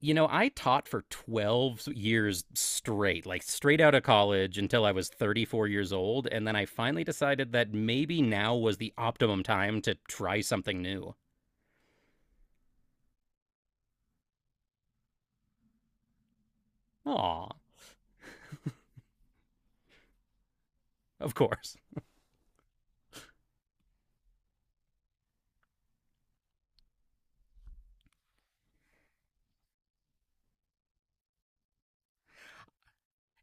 You know, I taught for 12 years straight, like straight out of college until I was 34 years old. And then I finally decided that maybe now was the optimum time to try something new. Aw, of course.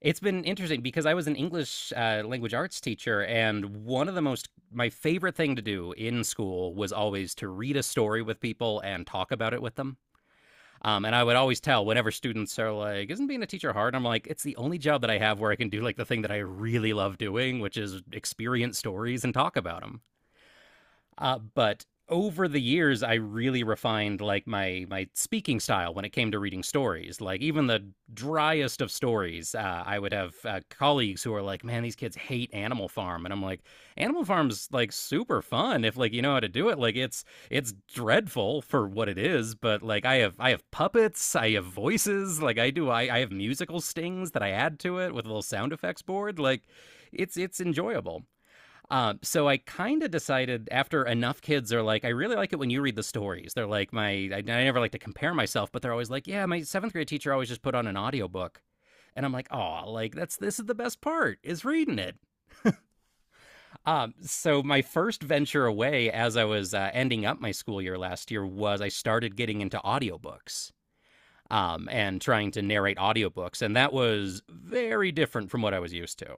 It's been interesting because I was an English language arts teacher, and one of the my favorite thing to do in school was always to read a story with people and talk about it with them. And I would always tell whenever students are like, "Isn't being a teacher hard?" I'm like, "It's the only job that I have where I can do like the thing that I really love doing, which is experience stories and talk about them." But over the years, I really refined like my speaking style when it came to reading stories. Like even the driest of stories, I would have colleagues who are like, "Man, these kids hate Animal Farm," and I'm like, "Animal Farm's like super fun if like you know how to do it. Like it's dreadful for what it is, but like I have puppets, I have voices, like I have musical stings that I add to it with a little sound effects board. Like it's enjoyable. So I kind of decided after enough kids are like, I really like it when you read the stories. They're like, I never like to compare myself, but they're always like, yeah, my seventh grade teacher always just put on an audiobook. And I'm like, oh, like that's this is the best part is reading it. So my first venture away as I was ending up my school year last year was I started getting into audiobooks and trying to narrate audiobooks. And that was very different from what I was used to.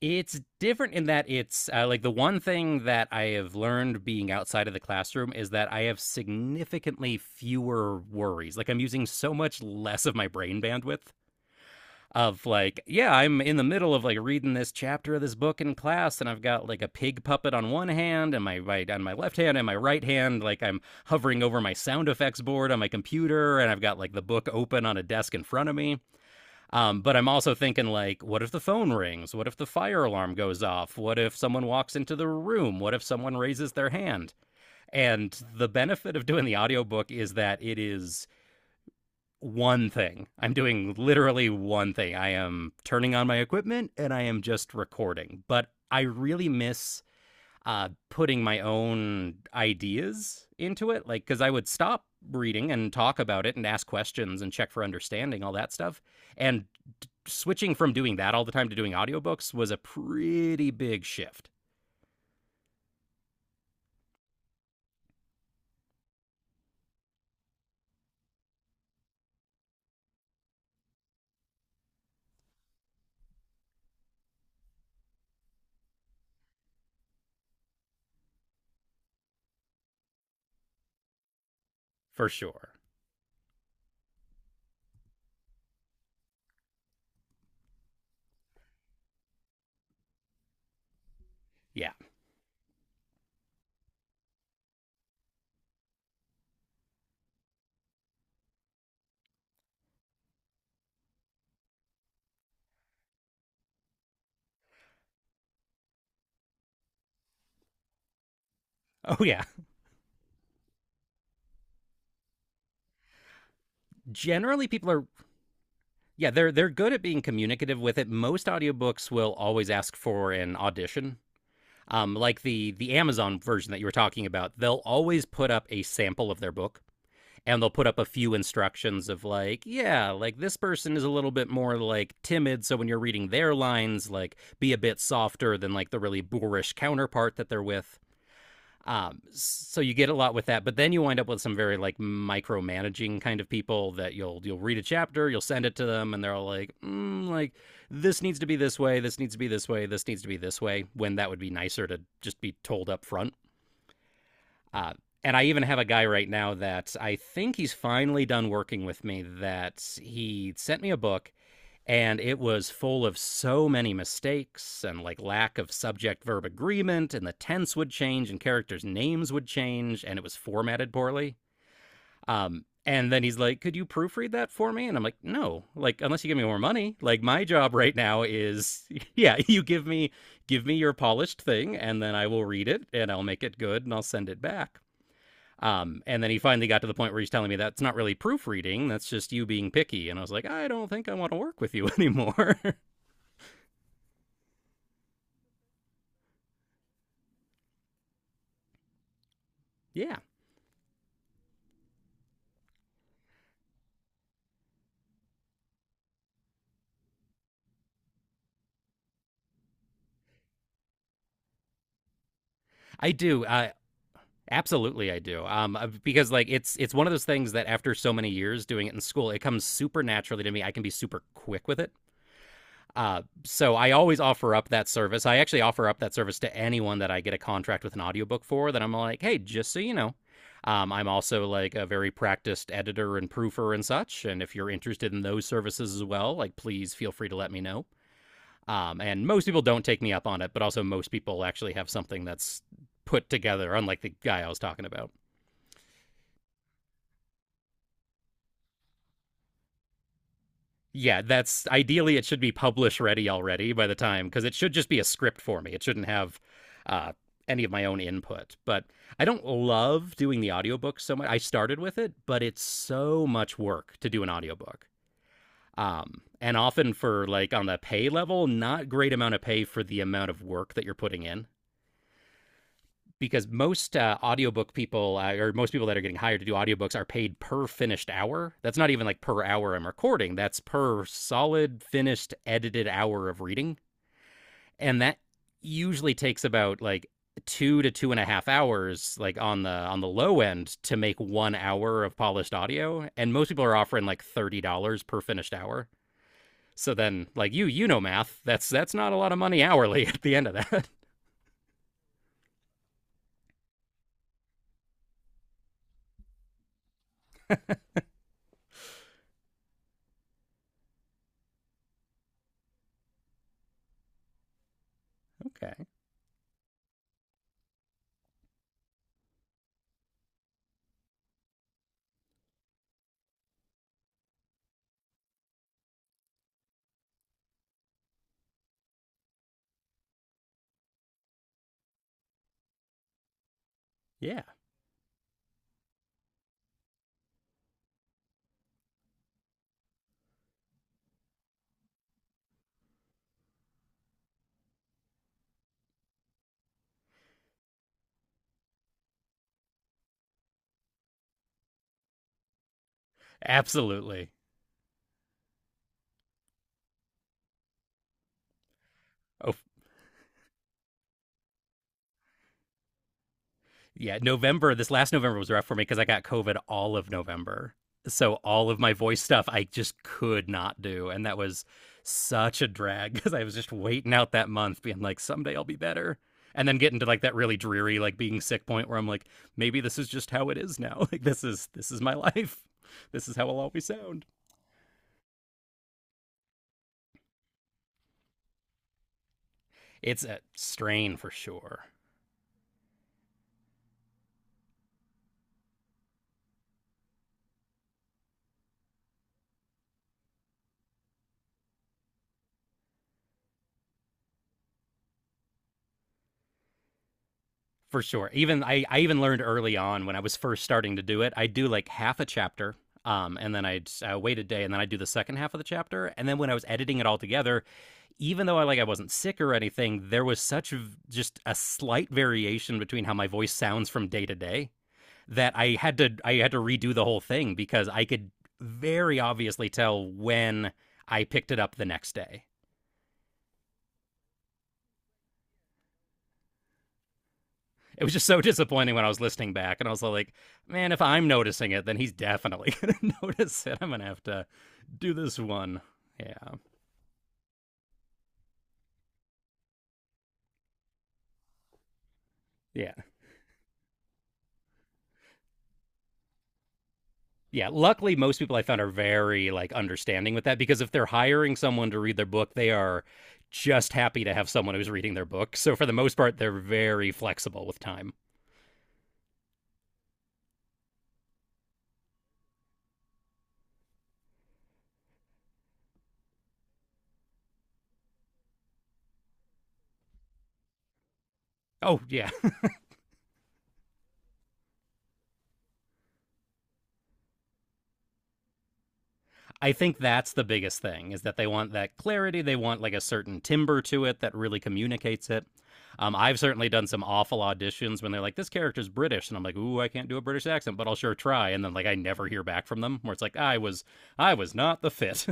It's different in that it's like the one thing that I have learned being outside of the classroom is that I have significantly fewer worries. Like I'm using so much less of my brain bandwidth of like, yeah, I'm in the middle of like reading this chapter of this book in class and I've got like a pig puppet on one hand and my right on my left hand and my right hand like I'm hovering over my sound effects board on my computer and I've got like the book open on a desk in front of me. But I'm also thinking like, what if the phone rings? What if the fire alarm goes off? What if someone walks into the room? What if someone raises their hand? And the benefit of doing the audiobook is that it is one thing. I'm doing literally one thing. I am turning on my equipment and I am just recording. But I really miss putting my own ideas into it. Like, because I would stop reading and talk about it and ask questions and check for understanding, all that stuff. And switching from doing that all the time to doing audiobooks was a pretty big shift for sure. Yeah. Oh yeah. Generally people are yeah, they're good at being communicative with it. Most audiobooks will always ask for an audition, like the Amazon version that you were talking about, they'll always put up a sample of their book and they'll put up a few instructions of like, yeah, like this person is a little bit more like timid, so when you're reading their lines, like be a bit softer than like the really boorish counterpart that they're with. So you get a lot with that, but then you wind up with some very like micromanaging kind of people that you'll read a chapter, you'll send it to them, and they're all like, mm, like this needs to be this way, this needs to be this way, this needs to be this way. When that would be nicer to just be told up front. Uh, and I even have a guy right now that I think he's finally done working with me. That he sent me a book and it was full of so many mistakes and like lack of subject verb agreement and the tense would change and characters names would change and it was formatted poorly, and then he's like, could you proofread that for me? And I'm like, no, like unless you give me more money, like my job right now is yeah, you give me, give me your polished thing and then I will read it and I'll make it good and I'll send it back. And then he finally got to the point where he's telling me that's not really proofreading. That's just you being picky. And I was like, I don't think I want to work with you anymore. Yeah, I do. Absolutely, I do. Because like it's one of those things that after so many years doing it in school, it comes super naturally to me. I can be super quick with it. So I always offer up that service. I actually offer up that service to anyone that I get a contract with an audiobook for. That I'm like, hey, just so you know, I'm also like a very practiced editor and proofer and such. And if you're interested in those services as well, like please feel free to let me know. And most people don't take me up on it, but also most people actually have something that's put together, unlike the guy I was talking about. Yeah, that's ideally it should be publish ready already by the time, because it should just be a script for me. It shouldn't have uh, any of my own input. But I don't love doing the audiobook so much. I started with it, but it's so much work to do an audiobook. And often for like on the pay level, not great amount of pay for the amount of work that you're putting in. Because most audiobook people, or most people that are getting hired to do audiobooks are paid per finished hour. That's not even like per hour I'm recording. That's per solid finished edited hour of reading, and that usually takes about like two to two and a half hours like on the low end to make one hour of polished audio, and most people are offering like $30 per finished hour. So then like you know, math, that's not a lot of money hourly at the end of that. Okay, yeah, absolutely. Oh, yeah, November, this last November was rough for me because I got COVID all of November. So all of my voice stuff I just could not do. And that was such a drag because I was just waiting out that month, being like, someday I'll be better. And then getting to like that really dreary, like being sick point where I'm like, maybe this is just how it is now. Like this is my life. This is how I'll always sound. It's a strain for sure. For sure. I even learned early on when I was first starting to do it. I do like half a chapter, and then I'd wait a day, and then I'd do the second half of the chapter. And then when I was editing it all together, even though I like I wasn't sick or anything, there was such just a slight variation between how my voice sounds from day to day that I had to redo the whole thing because I could very obviously tell when I picked it up the next day. It was just so disappointing when I was listening back, and I was like, man, if I'm noticing it, then he's definitely gonna notice it. I'm gonna have to do this one. Yeah. Yeah. Yeah. Luckily, most people I found are very like understanding with that because if they're hiring someone to read their book, they are just happy to have someone who's reading their book. So for the most part, they're very flexible with time. Oh, yeah. I think that's the biggest thing is that they want that clarity. They want like a certain timbre to it that really communicates it. I've certainly done some awful auditions when they're like, "This character's British," and I'm like, "Ooh, I can't do a British accent, but I'll sure try." And then like I never hear back from them. Where it's like, I was not the fit."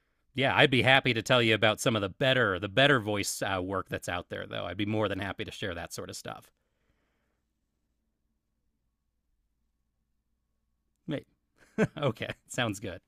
Yeah, I'd be happy to tell you about some of the better voice work that's out there, though. I'd be more than happy to share that sort of stuff. Wait. Okay, sounds good.